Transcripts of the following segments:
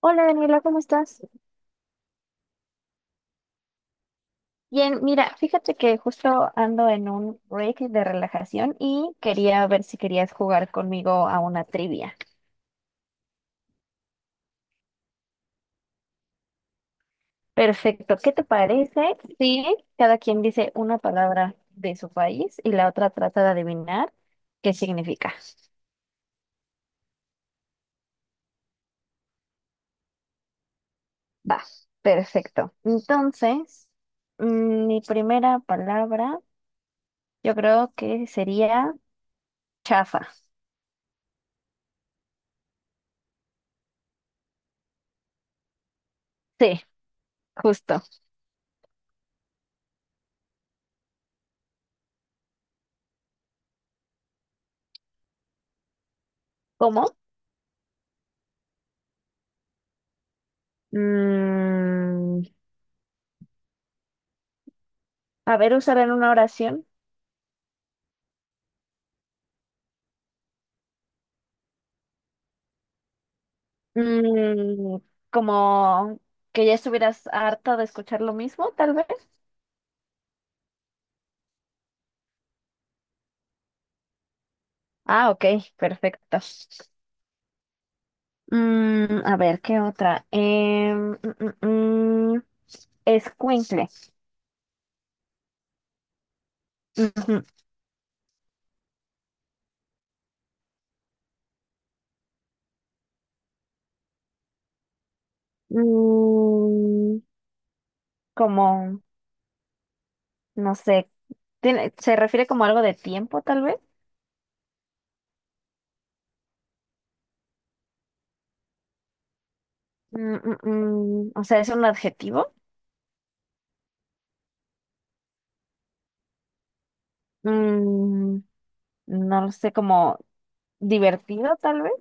Hola Daniela, ¿cómo estás? Bien, mira, fíjate que justo ando en un break de relajación y quería ver si querías jugar conmigo a una trivia. Perfecto, ¿qué te parece si cada quien dice una palabra de su país y la otra trata de adivinar qué significa? Va, perfecto. Entonces, mi primera palabra yo creo que sería chafa. Sí, justo. ¿Cómo? Mm, A ver, usar en una oración. Mm, como que ya estuvieras harta de escuchar lo mismo, tal vez. Ah, ok, perfecto. A ver, ¿qué otra? Escuincle. Ujú. Mm, como, no sé, se refiere como algo de tiempo, tal vez. Mm, mm, o sea, es un adjetivo. Mm, no lo sé, como divertido, tal vez.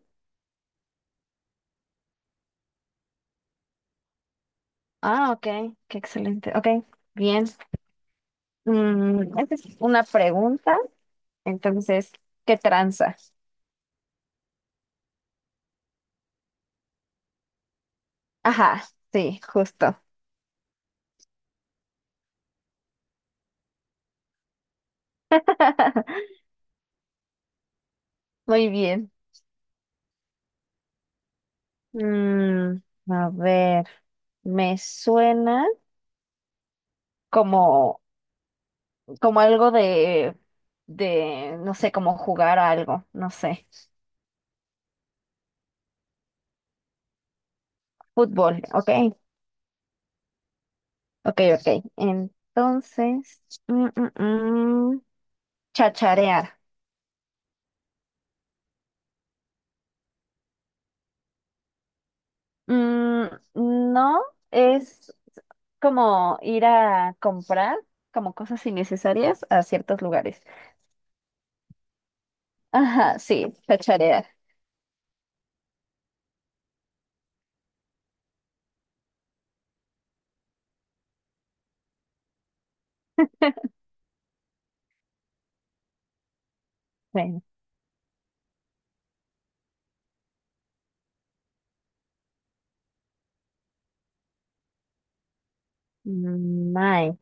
Ah, ok, qué excelente. Ok, bien. Esa es una pregunta. Entonces, ¿qué tranza? Ajá, sí, justo. Muy bien. Mm, a ver, me suena como, como algo de, no sé, como jugar a algo, no sé. Fútbol, ok, ok, ok. Entonces, mm, mm, mm, chacharear. Mm, no, es como ir a comprar como cosas innecesarias a ciertos lugares. Ajá, sí, chacharear. Bueno, ay,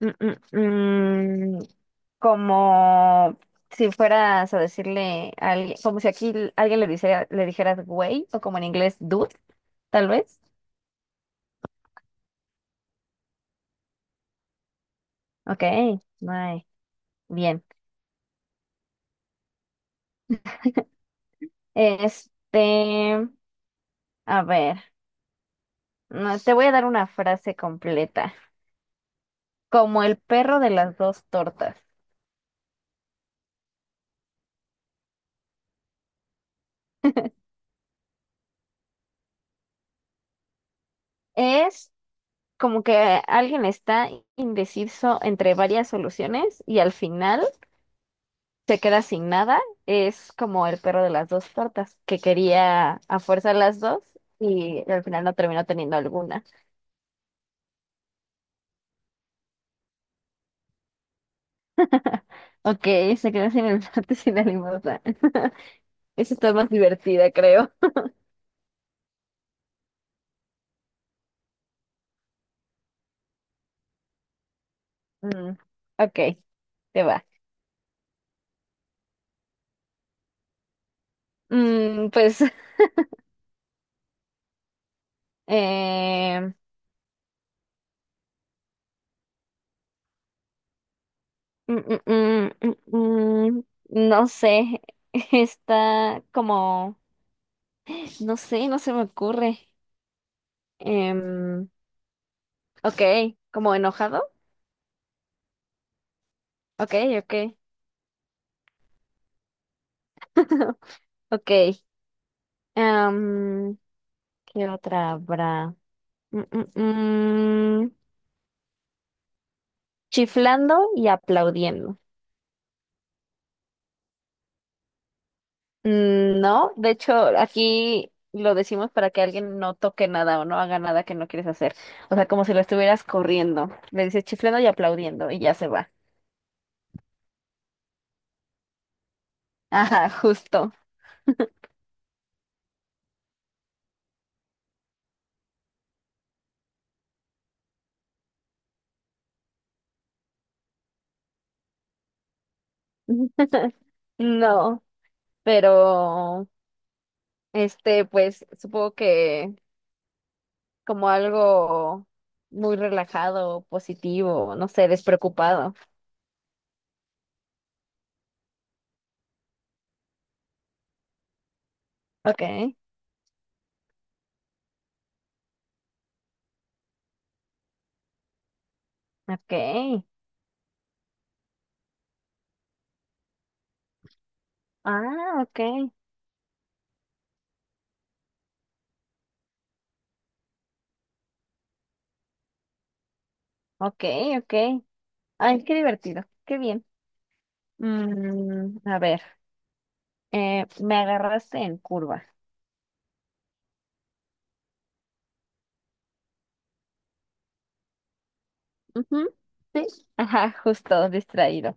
mm, mm, mm, como si fueras a decirle a alguien, como si aquí alguien le dijera, le dijeras güey, o como en inglés dude, tal vez. Ok, ay, bien. Este, a ver, no, te voy a dar una frase completa, como el perro de las dos tortas. Es como que alguien está indeciso entre varias soluciones y al final se queda sin nada, es como el perro de las dos tortas, que quería a fuerza las dos y al final no terminó teniendo alguna. Ok, se quedó sin el plato y sin la limosna. Eso está más divertida, creo. Mm, ok, te va. Pues, eh, mm, mm, mm, mm, mm, no sé, está como, no sé, no se me ocurre. Em, ok, como enojado. Ok, ok. Ok. Em, ¿qué otra habrá? Mm, mm, mm, Chiflando y aplaudiendo. No, de hecho, aquí lo decimos para que alguien no toque nada o no haga nada que no quieres hacer. O sea, como si lo estuvieras corriendo. Le dices chiflando y aplaudiendo y ya se va. Ajá, justo. No, pero este, pues supongo que como algo muy relajado, positivo, no sé, despreocupado. Okay, okay. Ah, okay, okay, okay. Ay, qué divertido, qué bien. A ver, me agarraste en curva. Ujú, sí, ajá, justo, distraído.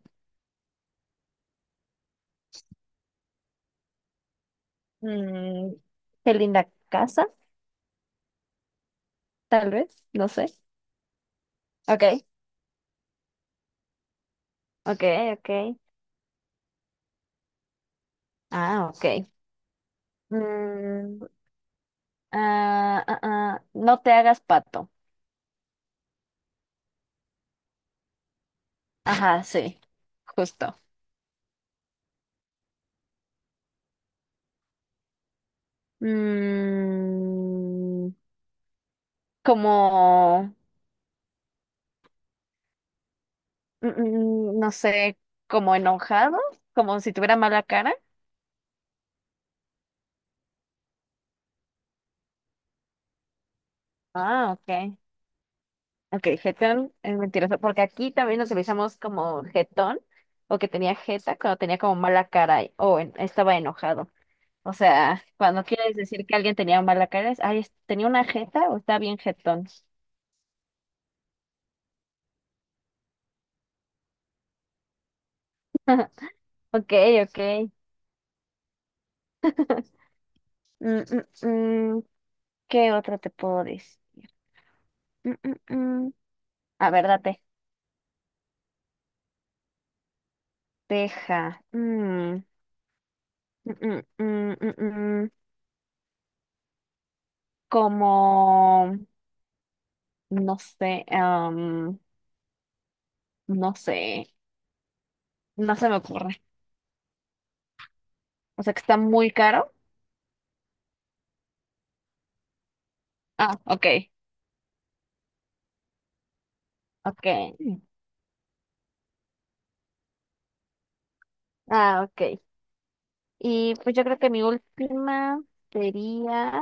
Mm, qué linda casa, tal vez, no sé. Okay, okay, okay. Ah, okay. Mm, ah, ah, ah, no te hagas pato. Ajá, sí, justo. Mm, como, no sé, como enojado como si tuviera mala cara. Ah, ok. Ok, jetón es mentiroso, porque aquí también nos utilizamos como jetón, o que tenía jeta cuando tenía como mala cara estaba enojado. O sea, cuando quieres decir que alguien tenía mala cara, es, ay, tenía una jeta o está bien jetón. Ok, ok. Mm, mm, mm, ¿qué otro te puedo decir? Mm, mm, mm. A ver, date. Teja. Mm, mm, mm, mm, mm. Como, no sé, am, no sé, no se me ocurre. O sea, que está muy caro. Ah, ok, ok. Mm. Ah, ok. Y pues yo creo que mi última sería,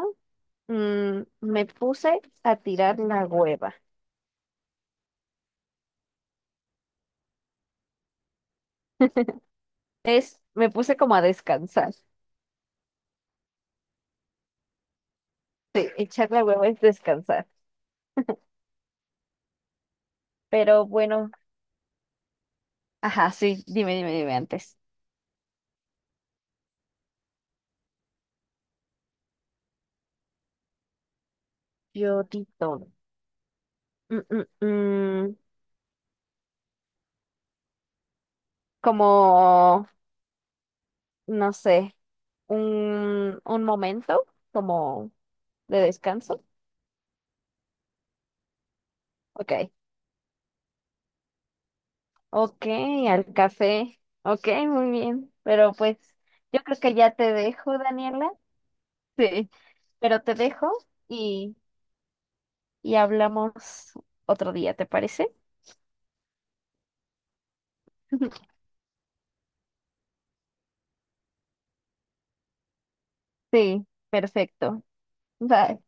me puse a tirar la hueva. Es, me puse como a descansar. Sí, echar la hueva es descansar. Pero bueno. Ajá, sí, dime, dime, dime antes. Yo di todo. Mm, mm, mm. Como, no sé, un momento como de descanso. Ok, ok, al café. Ok, muy bien. Pero pues yo creo que ya te dejo, Daniela. Sí. Pero te dejo y, y hablamos otro día, ¿te parece? Sí, perfecto. Bye.